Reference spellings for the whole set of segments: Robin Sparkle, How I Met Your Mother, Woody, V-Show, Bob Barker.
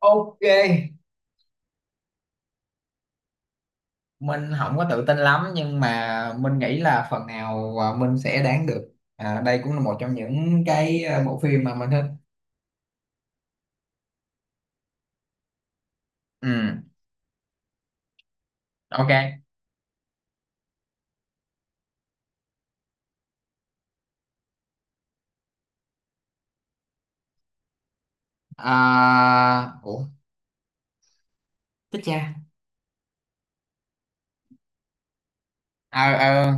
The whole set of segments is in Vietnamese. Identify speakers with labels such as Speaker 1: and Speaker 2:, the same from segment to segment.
Speaker 1: Ok, mình không có tự tin lắm nhưng mà mình nghĩ là phần nào mình sẽ đoán được. Đây cũng là một trong những bộ phim mà mình thích. Ừ, ok. À, ủa, thích cha. Ờ ờ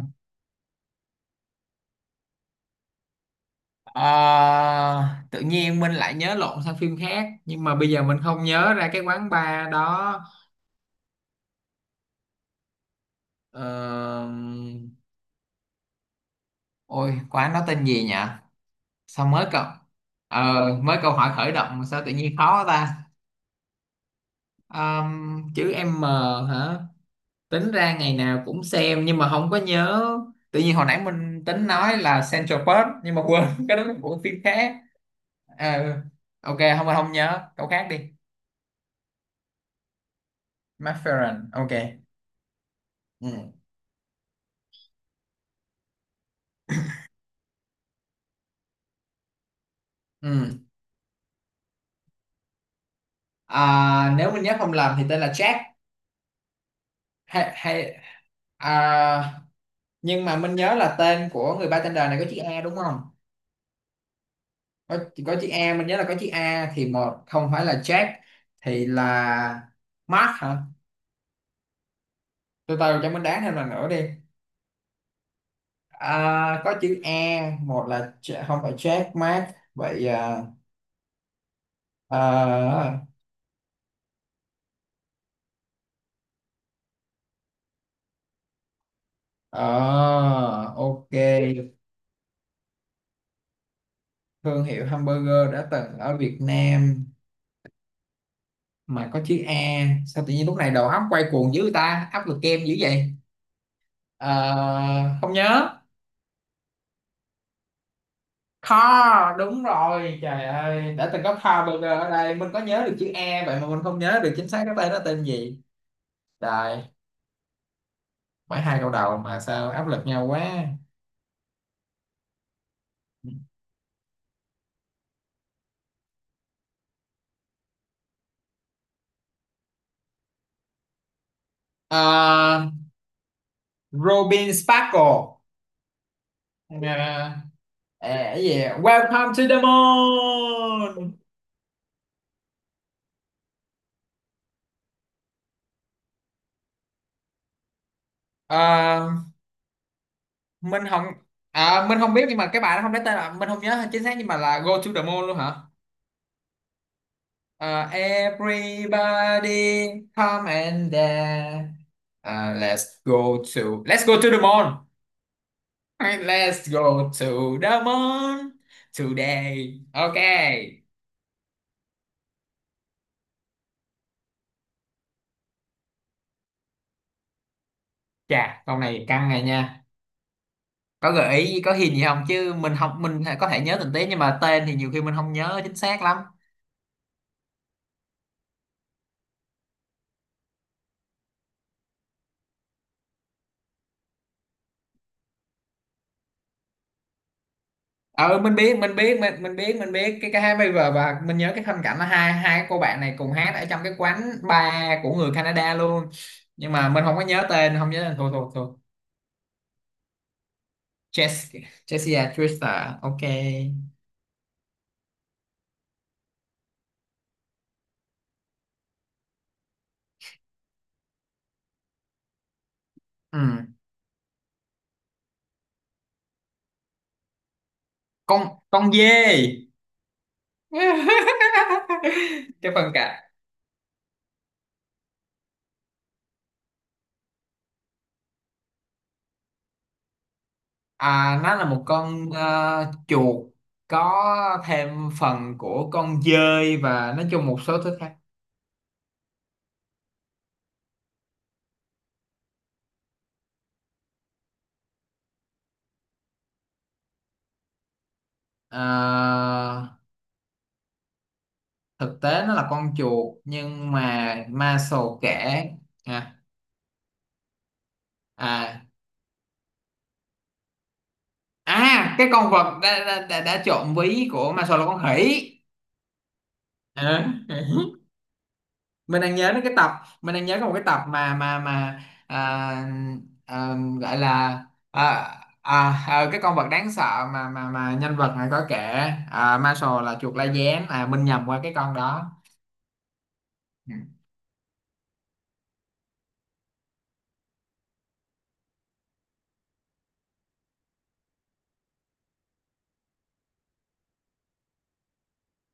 Speaker 1: ờ, Tự nhiên mình lại nhớ lộn sang phim khác nhưng mà bây giờ mình không nhớ ra cái quán bar đó. Ờ, Ôi, quán đó tên gì nhỉ? Sao mới cậu Ờ, Mới câu hỏi khởi động mà sao tự nhiên khó ta? Chữ M hả? Tính ra ngày nào cũng xem nhưng mà không có nhớ. Tự nhiên hồi nãy mình tính nói là Central Park nhưng mà quên cái đó là của phim khác. Ờ, ok, không không nhớ. Câu khác đi. McFerrin. Ok. Ừ. Ừ. Nếu mình nhớ không lầm thì tên là Jack. Hay, hay à, Nhưng mà mình nhớ là tên của người bartender này có chữ A đúng không? Có có chữ A, mình nhớ là có chữ A thì một không phải là Jack, thì là Mark hả? Từ từ cho mình đoán thêm lần nữa đi. Có chữ E, một là không phải Jack, Mark, vậy à? à, ờ, ok, thương hiệu hamburger đã từng ở Việt Nam mà có chữ E, sao tự nhiên lúc này đầu óc quay cuồng dữ ta, áp lực kem dữ vậy. Ờ, Không nhớ. Car, đúng rồi, trời ơi, đã từng có car burger ở đây, mình có nhớ được chữ E vậy mà mình không nhớ được chính xác cái tên nó tên gì. Trời, mấy hai câu đầu mà sao áp lực nhau quá. à, Robin Sparkle. Yeah. Welcome to the moon. à, mình không mình không biết nhưng mà cái bài nó không lấy tên, là mình không nhớ chính xác, nhưng mà là Go to the moon luôn hả? Everybody come and dance. Let's go to the moon. Let's go to the moon today, ok. Chà, câu này căng này nha. Có gợi ý có hình gì không, chứ mình có thể nhớ tình tiết nhưng mà tên thì nhiều khi mình không nhớ chính xác lắm. Ờ mình biết mình biết mình biết cái hai bây giờ, và mình nhớ cái phân cảnh là hai hai cô bạn này cùng hát ở trong cái quán bar của người Canada luôn, nhưng mà mình không có nhớ tên, không nhớ tên, thôi thôi thôi. Jessica Jessica Trista, ok. Ừ. con dê. Cái phân cảnh. Nó là một con chuột, có thêm phần của con dơi và nói chung một số thứ khác. Ờ, Thực tế nó là con chuột nhưng mà Maslow kể. à, à cái con vật đã trộn ví của Maslow là con khỉ. Ờ. mình đang nhớ đến cái tập mình đang nhớ có một cái tập mà à, gọi là, à, cái con vật đáng sợ mà nhân vật này có kể. Marshall là chuột la gián, Minh nhầm qua cái con đó. Ừ.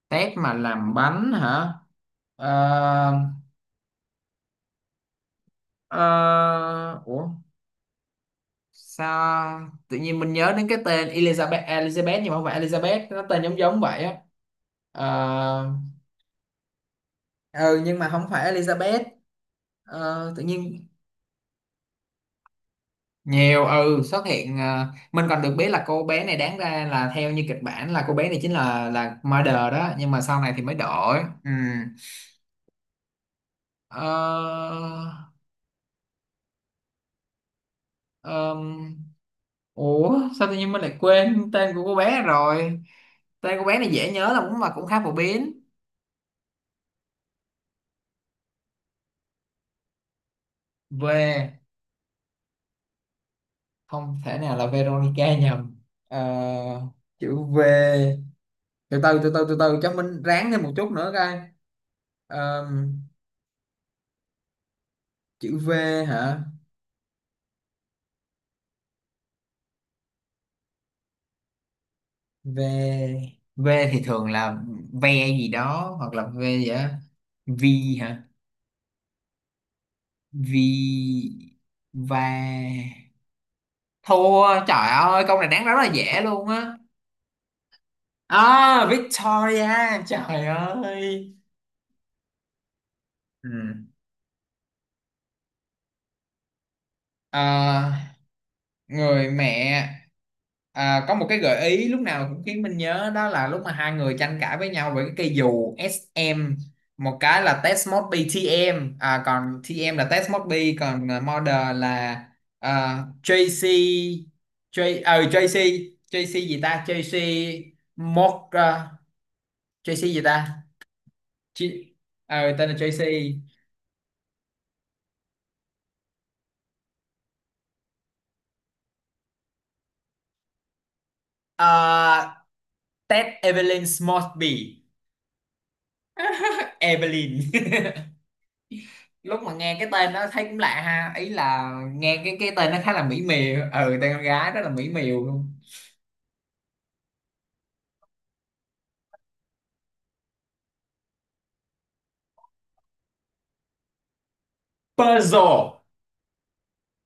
Speaker 1: Tép mà làm bánh hả? Ờ, ờ, Ủa, sao tự nhiên mình nhớ đến cái tên Elizabeth Elizabeth, nhưng mà không phải Elizabeth, nó tên giống giống vậy á. Ờ, ừ, nhưng mà không phải Elizabeth. Tự nhiên nhiều, xuất hiện, mình còn được biết là cô bé này đáng ra là theo như kịch bản là cô bé này chính là murder đó, nhưng mà sau này thì mới đổi. Ừ. ờ, ờm, Ủa, sao tự nhiên mình lại quên tên của cô bé rồi. Tên cô bé này dễ nhớ, là cũng mà cũng khá phổ biến. V, không thể nào, là Veronica nhầm. Ờ, Chữ V. từ từ từ từ Từ từ cho mình ráng thêm một chút nữa coi. Ờm, Chữ V hả? V V thì thường là ve gì đó, hoặc là V gì đó. Vi hả? Vi. Va. Thua, trời ơi, câu này đáng rất là dễ luôn á. Victoria, trời ơi. Ừ. Ờ, Người mẹ. Có một cái gợi ý lúc nào cũng khiến mình nhớ, đó là lúc mà hai người tranh cãi với nhau về cái cây dù SM. Một cái là Test Mode B, TM, còn TM là Test Mode B, còn Model là JC. J ờ JC, JC gì ta, JC. Mod à, JC gì ta. J, ờ Tên là JC. à, Test Evelyn Mosby. Evelyn. Lúc mà nghe cái tên nó thấy cũng lạ ha, ý là nghe cái tên nó khá là mỹ miều, ừ, tên con gái rất là mỹ miều luôn. Puzzle.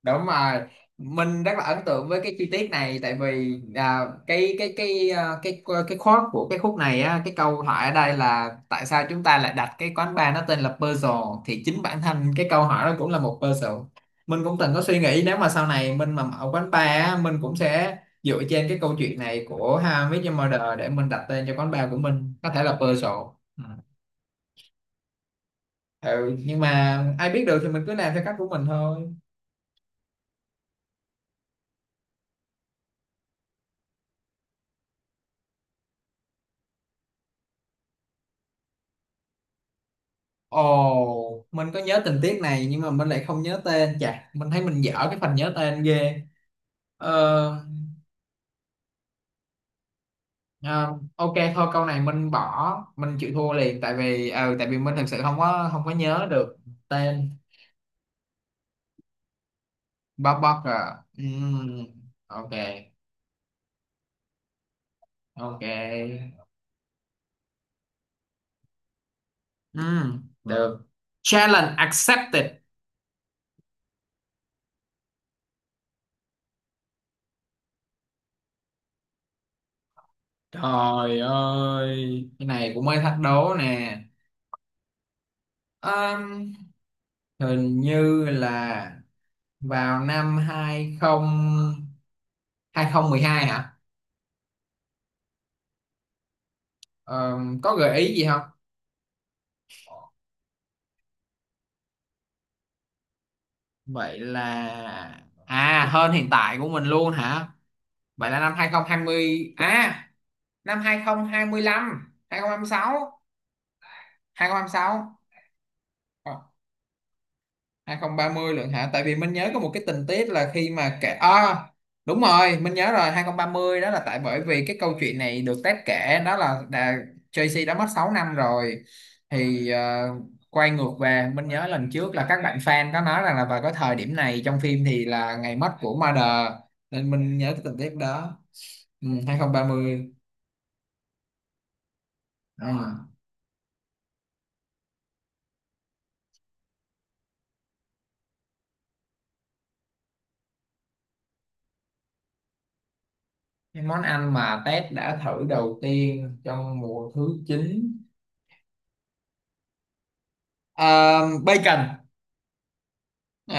Speaker 1: Đúng rồi, mình rất là ấn tượng với cái chi tiết này, tại vì cái khoát của cái khúc này á, cái câu hỏi ở đây là tại sao chúng ta lại đặt cái quán bar nó tên là Puzzle, thì chính bản thân cái câu hỏi đó cũng là một puzzle. Mình cũng từng có suy nghĩ, nếu mà sau này mình mà mở quán bar á, mình cũng sẽ dựa trên cái câu chuyện này của How I Met Your Mother để mình đặt tên cho quán bar của mình, có thể là puzzle. Ừ. Ừ, nhưng mà ai biết được, thì mình cứ làm theo cách của mình thôi. Ồ, mình có nhớ tình tiết này, nhưng mà mình lại không nhớ tên. Chà, mình thấy mình dở cái phần nhớ tên ghê. Ờ, à, ok thôi, câu này mình bỏ, mình chịu thua liền, tại vì tại vì mình thực sự không có nhớ được tên. Bob Barker. Ừm, ok, ok. Được. Challenge accepted. Trời ơi, cái này cũng mới thách đố nè. Ờm, Hình như là vào năm 20, 2012 hả? Ờ, có gợi ý gì không? Vậy là hơn hiện tại của mình luôn hả? Vậy là năm 2020, năm 2025, 2026, 2026. 2030 lượng hả? Tại vì mình nhớ có một cái tình tiết là khi mà kể, đúng rồi, mình nhớ rồi, 2030, đó là tại bởi vì cái câu chuyện này được Ted kể, đó là Tracy đã mất 6 năm rồi, thì quay ngược về, mình nhớ lần trước là các bạn fan có nói rằng là vào cái thời điểm này trong phim thì là ngày mất của Mother, nên mình nhớ cái tình tiết đó. Ừ, 2030. Ừ. Cái món ăn mà Ted đã thử đầu tiên trong mùa thứ 9, bacon. Ờ,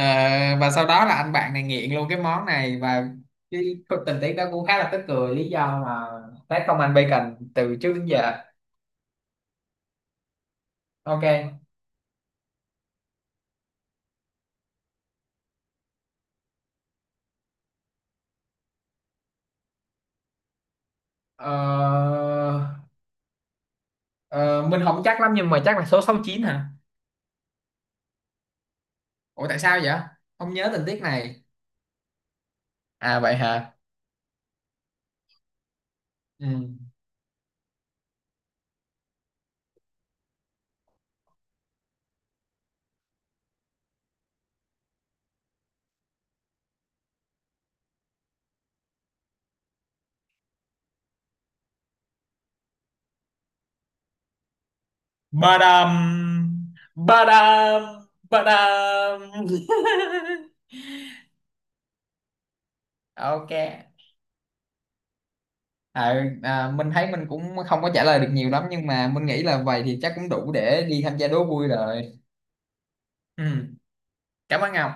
Speaker 1: và sau đó là anh bạn này nghiện luôn cái món này, và cái tình tiết đó cũng khá là tức cười, lý do mà tác không ăn bacon từ trước đến giờ. Ok. ờ, ờ, mình không chắc lắm nhưng mà chắc là số 69 hả? Ủa, tại sao vậy, không nhớ tình tiết này. Vậy hả. Ừ. Badam. Badam. Badam. Ok. Mình thấy mình cũng không có trả lời được nhiều lắm, nhưng mà mình nghĩ là vậy thì chắc cũng đủ để đi tham gia đố vui rồi. Ừ. Cảm ơn Ngọc.